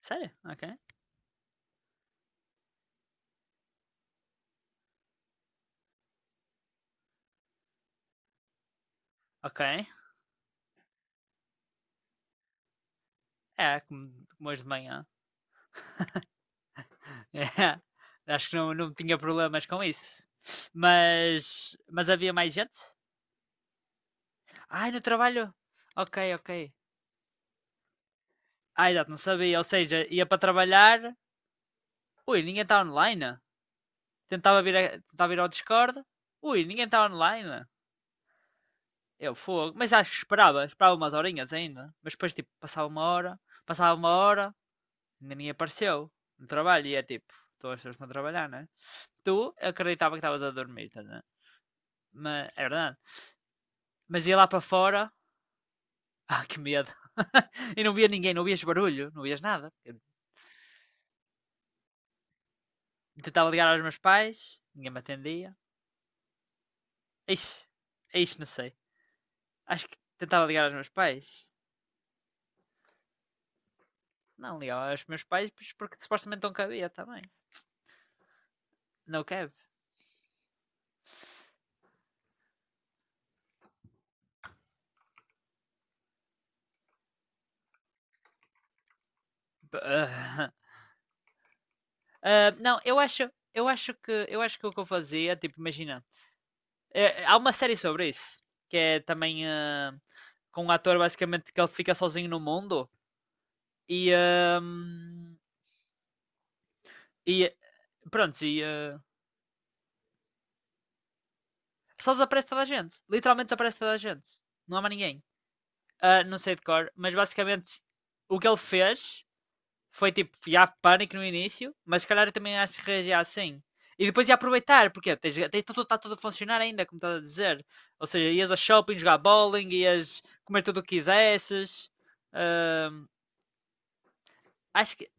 Sério? Ok. Ok. É, como hoje de manhã. É. Acho que não tinha problemas com isso. Mas havia mais gente? Ai, no trabalho? Ok. Ah, exato, não sabia. Ou seja, ia para trabalhar. Ui, ninguém está online. Tentava vir, tentava ir ao Discord. Ui, ninguém está online. Eu, fogo. Mas acho que esperava. Esperava umas horinhas ainda. Mas depois, tipo, passava uma hora. Passava uma hora. Ainda nem apareceu no trabalho. E é tipo, todas as pessoas estão a trabalhar, né? Tu acreditava que estavas a dormir, estás a mas, é verdade. Mas ia lá para fora, ah, que medo. e não via ninguém, não vias barulho, não vias nada. Eu tentava ligar aos meus pais, ninguém me atendia. Ixi, ixi, não sei. Acho que tentava ligar aos meus pais. Não, ligava aos meus pais pois porque supostamente não cabia também. Não cabe. Ah, não, eu acho que o que eu fazia, tipo, imagina, é, é, há uma série sobre isso, que é também com um ator basicamente que ele fica sozinho no mundo e, ah, e e só desaparece toda a gente. Literalmente desaparece toda a gente. Não há mais ninguém. Ah, não sei de cor, mas basicamente o que ele fez foi tipo, já pânico no início, mas se calhar eu também acho que reagir assim. E depois ia aproveitar, porque tens, tens tudo, está tudo a funcionar ainda, como estás a dizer. Ou seja, ias ao shopping jogar bowling, ias comer tudo o que quisesses. ah, Acho que.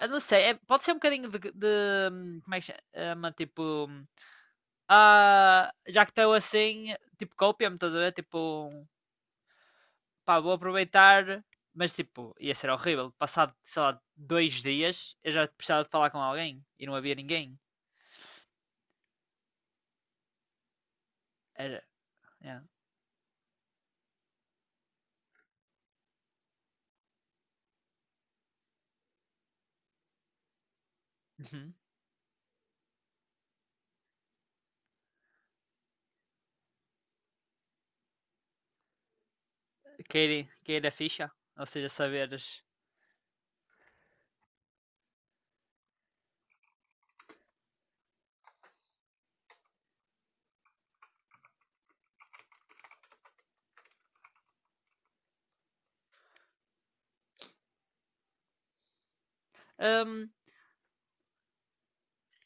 Eu não sei, pode ser um bocadinho de, como é que se chama? Tipo. Ah, já que estou assim, tipo, copia-me, estás a ver? Tipo, pá, vou aproveitar. Mas, tipo, ia ser horrível. Passado, sei lá, 2 dias, eu já precisava de falar com alguém e não havia ninguém. Era. Yeah. Uhum. Cair, cair a ficha. Ou seja, saberes. Hum,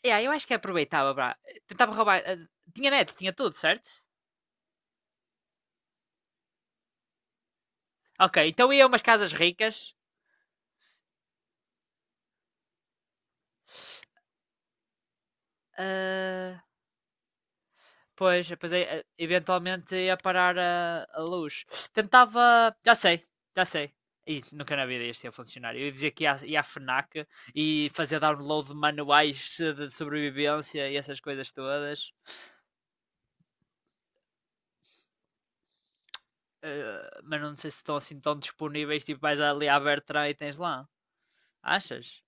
yeah, eu acho que aproveitava, pá. Tentava roubar. Tinha net, tinha tudo, certo? Ok, então ia a umas casas ricas. ah, Pois, depois eventualmente ia parar a luz. Tentava. Já sei, já sei. Ih, nunca na vida isto ia funcionar. Eu ia dizer que ia, ia à FNAC e fazer download de manuais de sobrevivência e essas coisas todas. Eh, mas não sei se estão assim tão disponíveis. Tipo, vais ali à Bertrand e tens lá. Achas?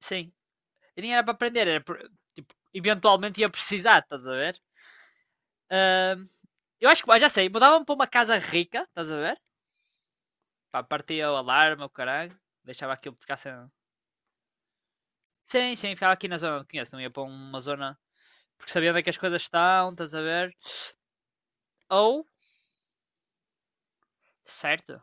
Sim. E nem era para aprender, tipo, eventualmente ia precisar, estás a ver? Ah, eu acho que, já sei, mudava-me para uma casa rica, estás a ver? Pá, partia o alarme, o caralho, deixava aquilo ficar sem. Sim, sim, ficava aqui na zona que conheço, não ia para uma zona. Porque sabia onde é que as coisas estão, estás a ver? Ou, certo.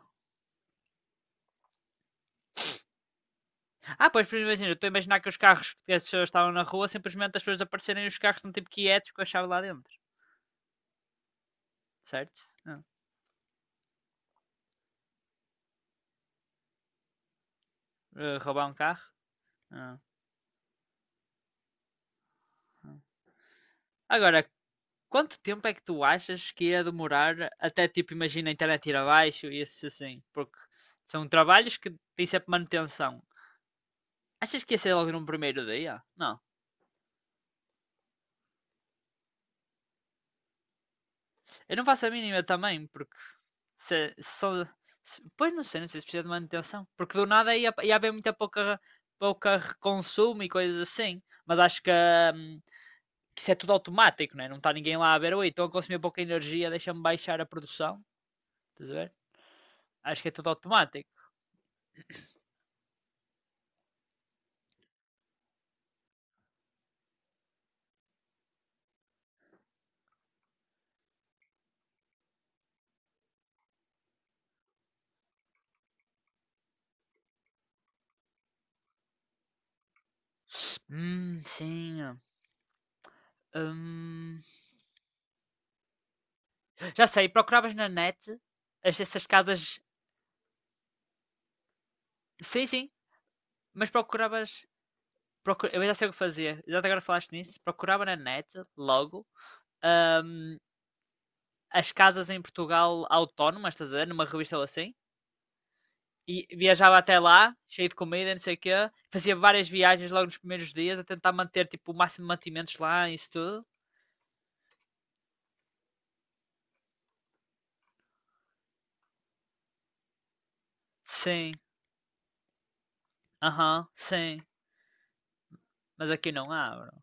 Ah, pois, por exemplo, eu estou a imaginar que os carros que as pessoas estavam na rua, simplesmente as pessoas aparecerem e os carros estão tipo quietos com a chave lá dentro, certo? Ah. Eh, roubar um carro? Ah, ah. Agora, quanto tempo é que tu achas que ia demorar até, tipo, imagina a internet ir abaixo e isso assim? Porque são trabalhos que têm sempre manutenção. Achas que ia ser logo no primeiro dia? Não. Eu não faço a mínima também, porque se só. Pois não sei, não sei se precisa de manutenção. Porque do nada ia, ia haver muita pouca, pouca consumo e coisas assim. Mas acho que isso é tudo automático, né? Não está ninguém lá a ver, oi, estão a consumir pouca energia, deixa-me baixar a produção. Estás a ver? Acho que é tudo automático. Sim. Hum, Já sei, procuravas na net essas casas. Sim, sim, mas procuravas eu já sei o que fazia. Já agora falaste nisso. Procurava na net, logo, ahm, as casas em Portugal autónomas, estás a ver? Numa revista ou assim. E viajava até lá, cheio de comida, não sei o quê. Fazia várias viagens logo nos primeiros dias a tentar manter, tipo, o máximo de mantimentos lá e isso tudo. Sim, aham, uhum, sim. Mas aqui não há, bro.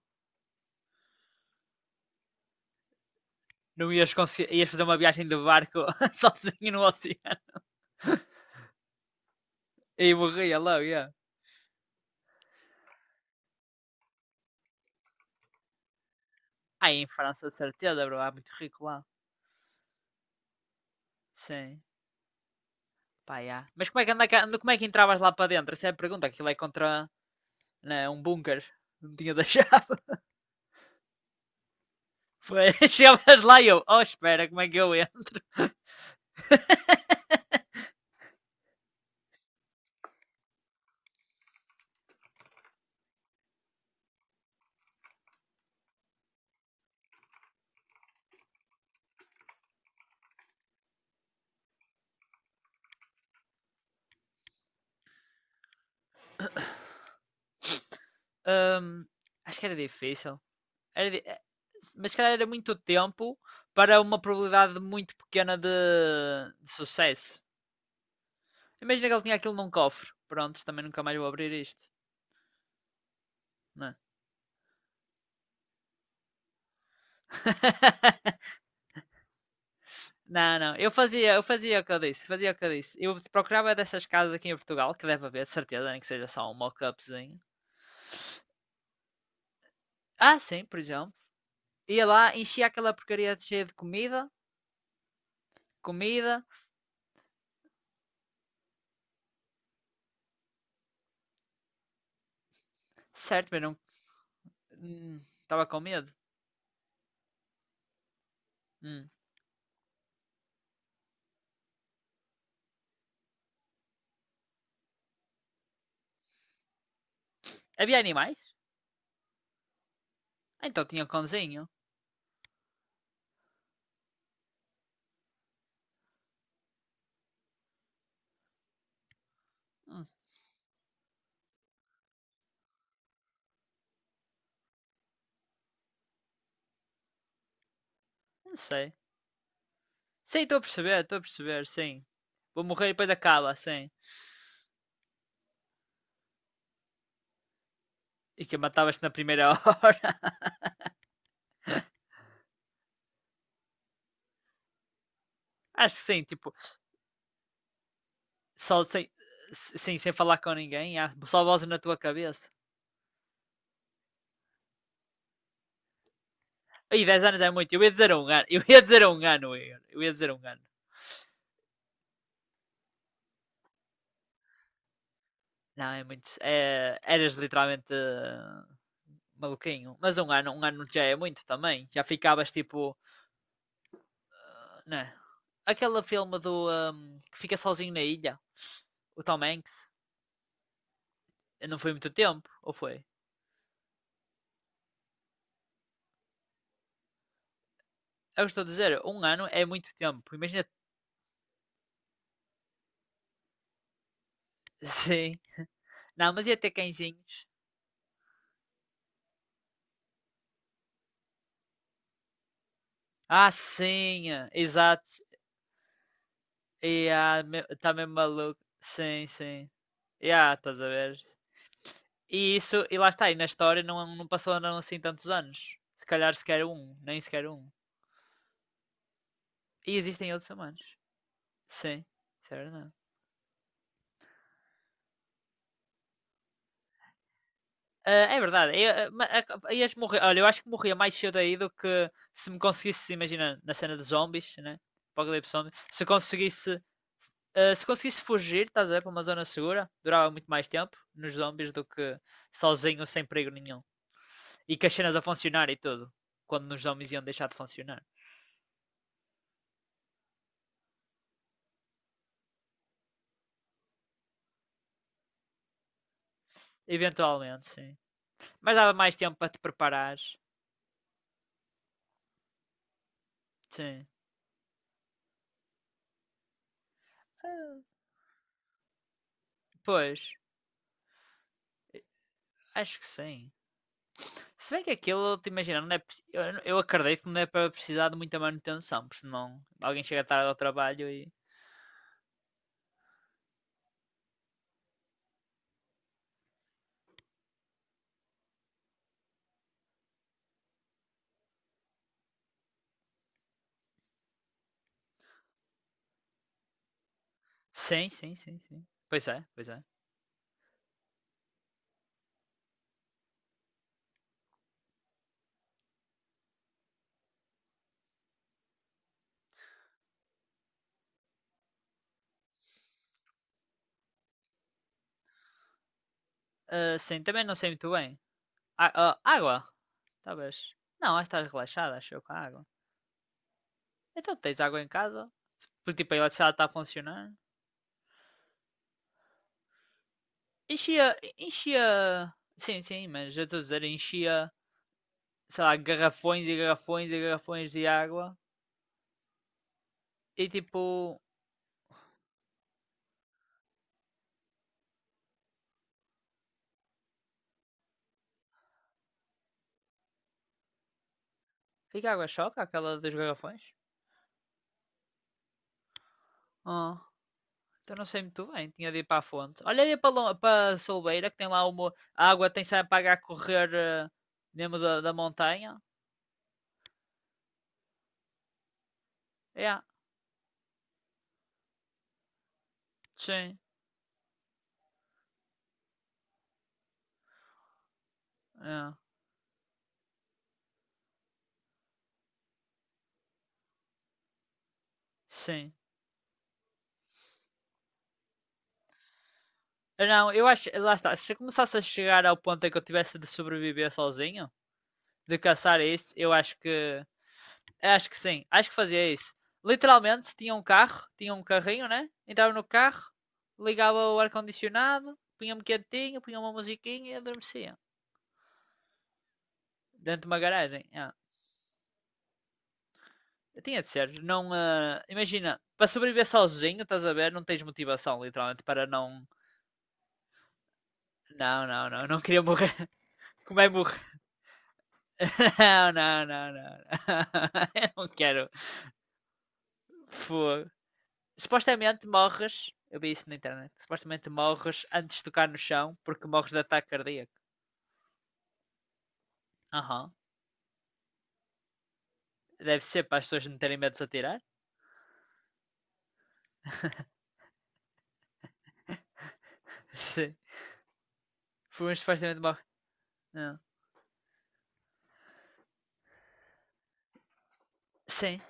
Não ias, ias fazer uma viagem de barco sozinho no oceano. E morria logo, yeah. Aí em França, de certeza, bro. Há muito rico lá. Sim. Pá, yeah. Mas como é, que como é que entravas lá para dentro? Essa é a pergunta. Aquilo é contra né, um bunker. Não tinha deixado. Foi. Chegavas lá e eu, oh, espera, como é que eu entro? Hum, acho que era difícil. Era di- eh, Mas se calhar era muito tempo para uma probabilidade muito pequena de sucesso. Imagina que ele tinha aquilo num cofre. Pronto, também nunca mais vou abrir isto. Não é? Não, não. Eu fazia o que eu disse, fazia o que eu disse. Eu procurava dessas casas aqui em Portugal, que deve haver, de certeza, nem que seja só um mock-upzinho. Ah, sim, por exemplo. Ia lá, enchia aquela porcaria de cheia de comida, comida, certo, mas não. Estava com medo. Hum. Havia animais? Ah, então tinha um cãozinho. Hum, não sei. Sim, estou a perceber, sim. Vou morrer e depois acaba, sim. E que matavas-te na primeira hora. Acho que sim, tipo, só sem, sim, sem falar com ninguém, só vozes na tua cabeça. Aí, 10 anos é muito. Eu ia dizer um ano. Eu ia dizer um ano, Eu ia dizer um ano. Não, é muito. É, eras literalmente maluquinho. Mas um ano já é muito também. Já ficavas tipo. Né? Aquele filme do. Que fica sozinho na ilha. O Tom Hanks. Não foi muito tempo, ou foi? É o que estou a dizer. Um ano é muito tempo. Imagina. Sim. Não, mas ia ter cãezinhos. Ah, sim. Exato. Yeah, tá mesmo maluco. Sim, sim. Yeah, estás a ver? E isso, e lá está, e na história não, não passou não, assim tantos anos. Se calhar sequer um, nem sequer um. E existem outros humanos. Sim, isso é verdade. Ah, é verdade. Eu, ah, ma- a- ias morrer. Olha, eu acho que morria mais cedo aí do que se me conseguisse, imagina, na cena de zombies, né? Apocalipse zombie. Se conseguisse, se conseguisse fugir, estás a ver, para uma zona segura, durava muito mais tempo nos zombies do que sozinho, sem perigo nenhum. E que as cenas a funcionar e tudo. Quando nos zombies iam deixar de funcionar. Eventualmente, sim. Mas dava mais tempo para te preparares. Sim. Pois, acho que sim. Se bem que aquilo, te imagina, não é, eu acredito que não é para precisar de muita manutenção, porque senão alguém chega tarde ao trabalho e. Sim, sim, sim, sim. Pois é, pois é. Ah, sim, também não sei muito bem. Ah, ah, água? Talvez. Não, acho que estás relaxada, acho eu, com a água. Então tens água em casa? Porque tipo a eletricidade está a funcionar. Enchia. Enchia. Sim, sim, mas eu estou a dizer, enchia, sei lá, garrafões e garrafões e garrafões de água. E tipo. Fica água choca, aquela dos garrafões? Ah, então não sei muito bem, tinha de ir para a fonte. Olha aí para, para a Solbeira, que tem lá uma. A água tem sempre para a correr mesmo da, da montanha. É, sim, é, sim. Não, eu acho. Lá está. Se eu começasse a chegar ao ponto em que eu tivesse de sobreviver sozinho, de caçar isso, eu acho que. Acho que sim. Acho que fazia isso. Literalmente, tinha um carro, tinha um carrinho, né? Entrava no carro, ligava o ar-condicionado, punha-me quietinho, punha uma musiquinha e adormecia. Dentro de uma garagem. Ah, tinha de ser. Não, imagina, para sobreviver sozinho, estás a ver? Não tens motivação, literalmente, para não. Não, não, não. Não queria morrer. Como é morrer? Não, não, não, não. Eu não quero. Fogo. Supostamente morres. Eu vi isso na internet. Supostamente morres antes de tocar no chão porque morres de ataque cardíaco. Aham. Uhum. Deve ser para as pessoas não terem medo de se atirar. Sim. Foi um supostamente morre. Não. Sim.